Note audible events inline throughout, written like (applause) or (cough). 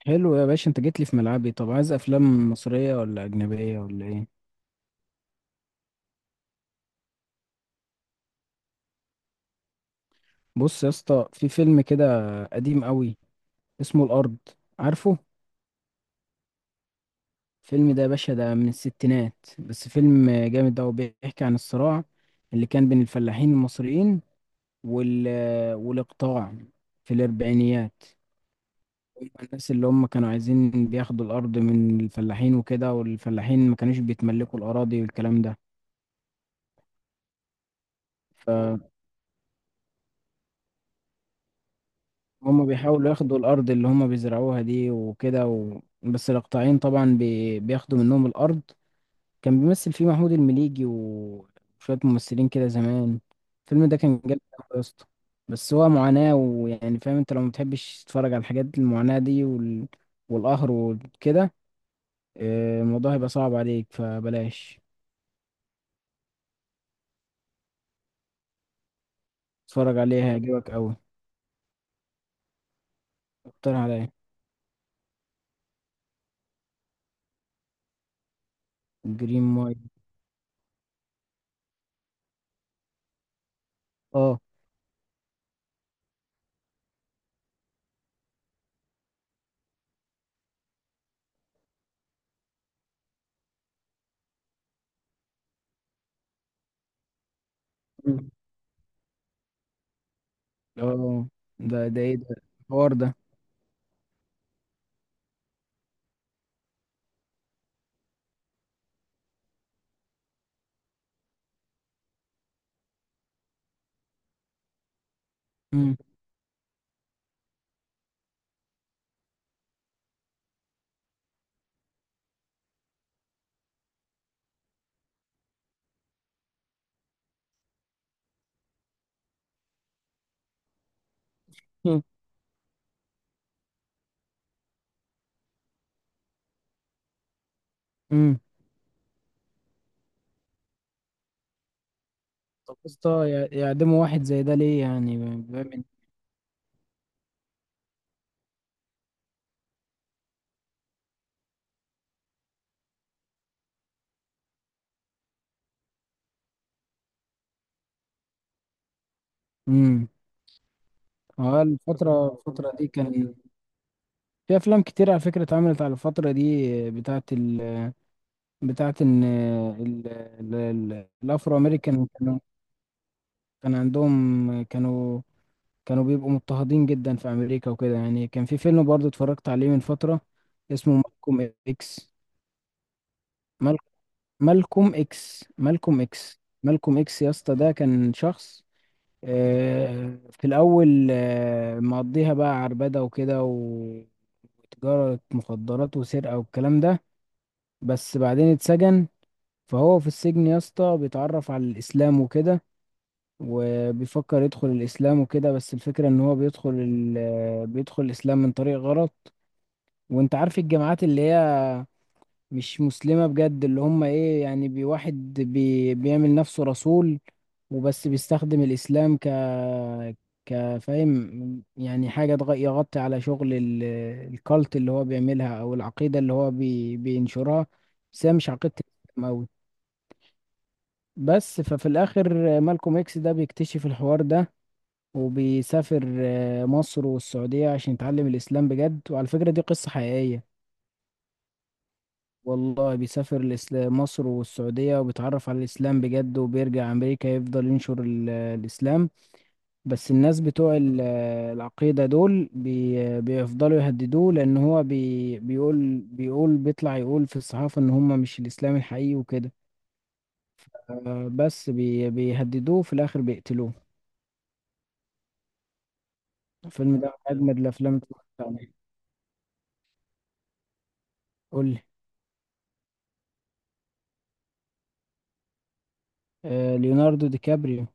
حلو يا باشا، انت جيت لي في ملعبي. طب عايز افلام مصرية ولا اجنبية ولا ايه؟ بص يا اسطى، في فيلم كده قديم قوي اسمه الارض. عارفه؟ الفيلم ده يا باشا ده من الستينات، بس فيلم جامد ده وبيحكي عن الصراع اللي كان بين الفلاحين المصريين وال والاقطاع في الاربعينيات. هم الناس اللي هم كانوا عايزين بياخدوا الارض من الفلاحين وكده، والفلاحين ما كانوش بيتملكوا الاراضي والكلام. ده هما بيحاولوا ياخدوا الأرض اللي هما بيزرعوها دي وكده بس الإقطاعيين طبعا بياخدوا منهم الأرض. كان بيمثل فيه محمود المليجي وشوية ممثلين كده زمان. الفيلم ده كان جامد أوي يا اسطى. بس هو معاناة، ويعني فاهم انت لو متحبش تتفرج على الحاجات المعاناة دي والقهر وكده. الموضوع هيبقى صعب عليك فبلاش. اتفرج عليه هيعجبك أوي. اقترح عليا. جرين مايل. اه، اه. ده ايه ده الحوار ده؟ مم. (laughs) مم. طب يا اسطى، يعدموا واحد زي ده ليه؟ يعني بيعمل. امم هو الفترة دي كان في أفلام كتير على فكرة اتعملت على الفترة دي بتاعت إن الأفرو أمريكان كانوا. كان عندهم كانوا كانوا بيبقوا مضطهدين جدا في أمريكا وكده، يعني كان في فيلم برضو اتفرجت عليه من فترة اسمه مالكوم إكس. مال... مالكوم إكس، مالكوم إكس، مالكوم إكس يا اسطى، ده كان شخص. في الأول مقضيها بقى عربدة وكده وتجارة مخدرات وسرقة والكلام ده. بس بعدين اتسجن. فهو في السجن يا اسطى بيتعرف على الإسلام وكده، وبيفكر يدخل الإسلام وكده، بس الفكرة إن هو بيدخل ال... آه، بيدخل الإسلام من طريق غلط. وأنت عارف الجامعات اللي هي مش مسلمة بجد، اللي هم إيه يعني واحد بيعمل نفسه رسول. وبس بيستخدم الإسلام كفاهم، يعني حاجة يغطي على شغل الكالت اللي هو بيعملها، أو العقيدة اللي هو بينشرها. بس هي مش عقيدة الإسلام أوي. بس ففي الآخر مالكوم إكس ده بيكتشف الحوار ده، وبيسافر مصر والسعودية عشان يتعلم الإسلام بجد، وعلى فكرة دي قصة حقيقية. والله بيسافر مصر والسعودية، وبيتعرف على الإسلام بجد وبيرجع أمريكا يفضل ينشر الإسلام. بس الناس بتوع العقيدة دول بيفضلوا يهددوه، لأن هو بيقول بيطلع يقول في الصحافة إن هم مش الإسلام الحقيقي وكده. بس بيهددوه، في الآخر بيقتلوه. الفيلم ده من أجمد الأفلام اللي اتفرجت عليها. قول لي. ليوناردو دي كابريو.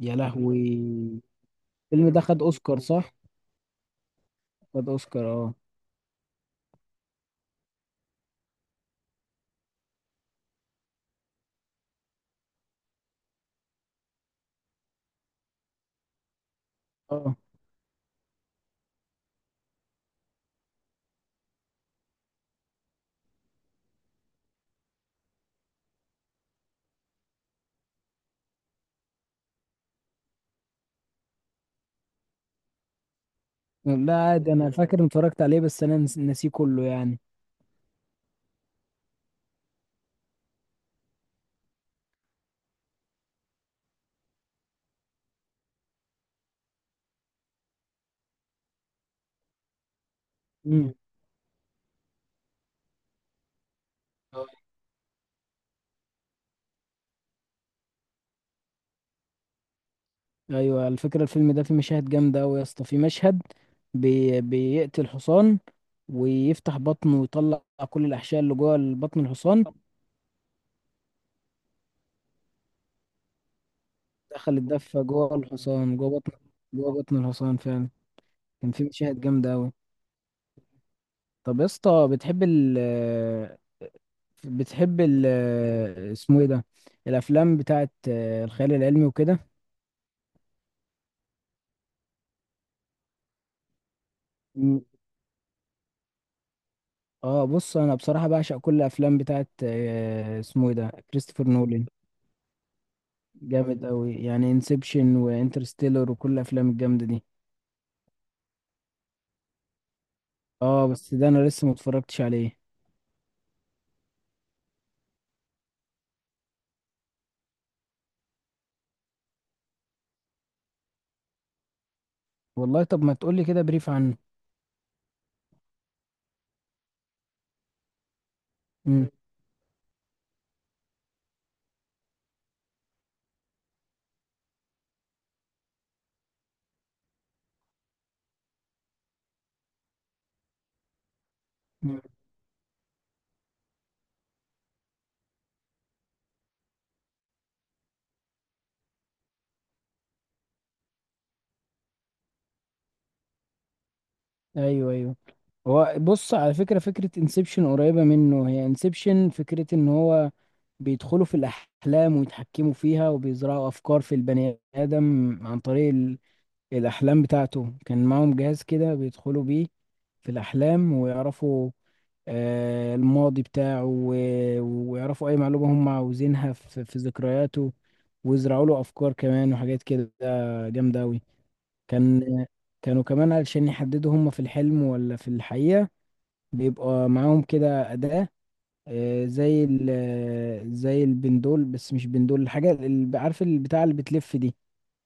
يا لهوي. الفيلم ده خد أوسكار، صح؟ خد أوسكار، اه. اه، لا، عادي، أنا فاكر إني اتفرجت عليه بس أنا ناسيه كله يعني. مم. ايوه، على فكره الفيلم ده فيه مشاهد جامده قوي يا اسطى. في مشهد بيقتل حصان ويفتح بطنه، ويطلع كل الاحشاء اللي جوه بطن الحصان. دخل الدفه جوه الحصان، جوه بطن الحصان فعلا. كان في مشاهد جامده قوي. طب يا اسطى، بتحب ال اسمه ايه ده الافلام بتاعت الخيال العلمي وكده؟ م- اه، بص انا بصراحه بعشق كل الافلام بتاعت اسمه ايه ده كريستوفر نولان. جامد قوي، يعني انسبشن وانترستيلر وكل الافلام الجامده دي. اه، بس ده انا لسه ما اتفرجتش عليه. والله، طب ما تقولي كده بريف عنه. امم. ايوه، ايوه. هو بص، على فكره فكره انسبشن قريبه منه. هي انسبشن فكره ان هو بيدخلوا في الاحلام ويتحكموا فيها، وبيزرعوا افكار في البني ادم عن طريق الاحلام بتاعته. كان معاهم جهاز كده بيدخلوا بيه في الاحلام ويعرفوا الماضي بتاعه، ويعرفوا اي معلومة هم عاوزينها في ذكرياته. ويزرعوا له افكار كمان وحاجات كده جامدة اوي. كان كانوا كمان علشان يحددوا هم في الحلم ولا في الحقيقة، بيبقى معاهم كده أداة آه، زي ال زي البندول. بس مش بندول، الحاجة اللي عارف البتاع اللي بتلف دي،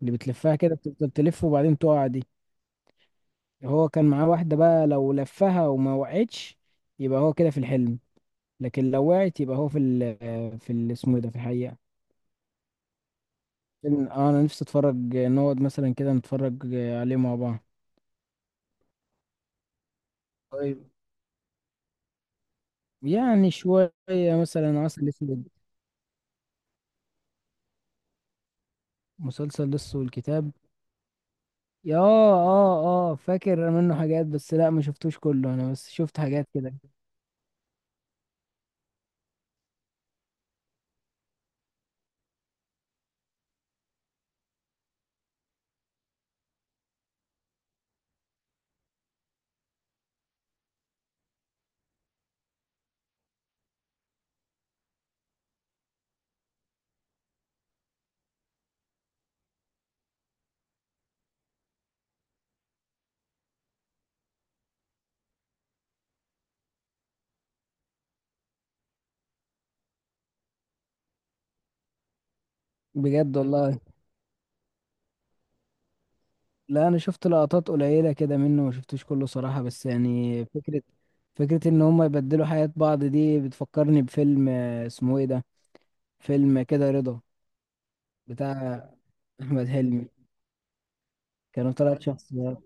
اللي بتلفها كده بتفضل تلف وبعدين تقع دي. هو كان معاه واحدة بقى، لو لفها وما وقعتش يبقى هو كده في الحلم. لكن لو وعيت يبقى هو في اسمه إيه ده في الحقيقة. انا نفسي اتفرج نقعد مثلا كده نتفرج عليه مع بعض. طيب. يعني شوية. مثلا عسل اسود، مسلسل لص والكتاب. يا، اه، اه، فاكر منه حاجات بس لا، ما شفتوش كله، انا بس شفت حاجات كده. بجد والله. لا، انا شفت لقطات قليلة كده منه، ما شفتوش كله صراحة، بس يعني فكرة. فكرة ان هم يبدلوا حياة بعض، دي بتفكرني بفيلم اسمه ايه ده. فيلم كده رضا، بتاع احمد حلمي. كانوا 3 شخصيات.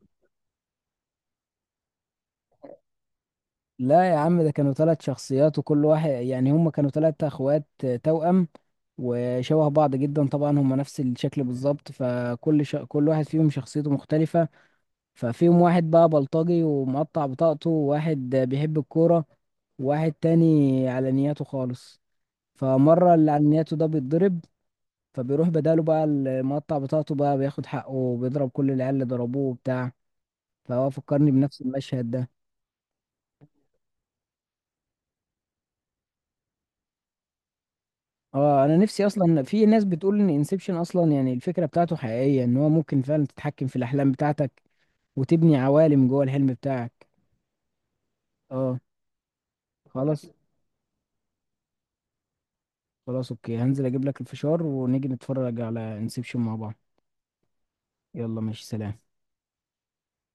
لا يا عم ده كانوا 3 شخصيات، وكل واحد يعني هم كانوا 3 اخوات. توأم. وشبه بعض جدا طبعا، هم نفس الشكل بالظبط، فكل كل واحد فيهم شخصيته مختلفة. ففيهم واحد بقى بلطجي ومقطع بطاقته، وواحد بيحب الكورة، وواحد تاني على نياته خالص. فمرة اللي على نياته ده بيتضرب. فبيروح بداله بقى المقطع بطاقته، بقى بياخد حقه وبيضرب كل العيال اللي ضربوه وبتاع. فهو فكرني بنفس المشهد ده. اه، انا نفسي اصلا. في ناس بتقول ان انسبشن اصلا يعني الفكره بتاعته حقيقيه، ان هو ممكن فعلا تتحكم في الاحلام بتاعتك، وتبني عوالم جوه الحلم بتاعك. اه. خلاص، خلاص، اوكي، هنزل اجيب لك الفشار ونيجي نتفرج على انسبشن مع بعض. يلا ماشي، سلام.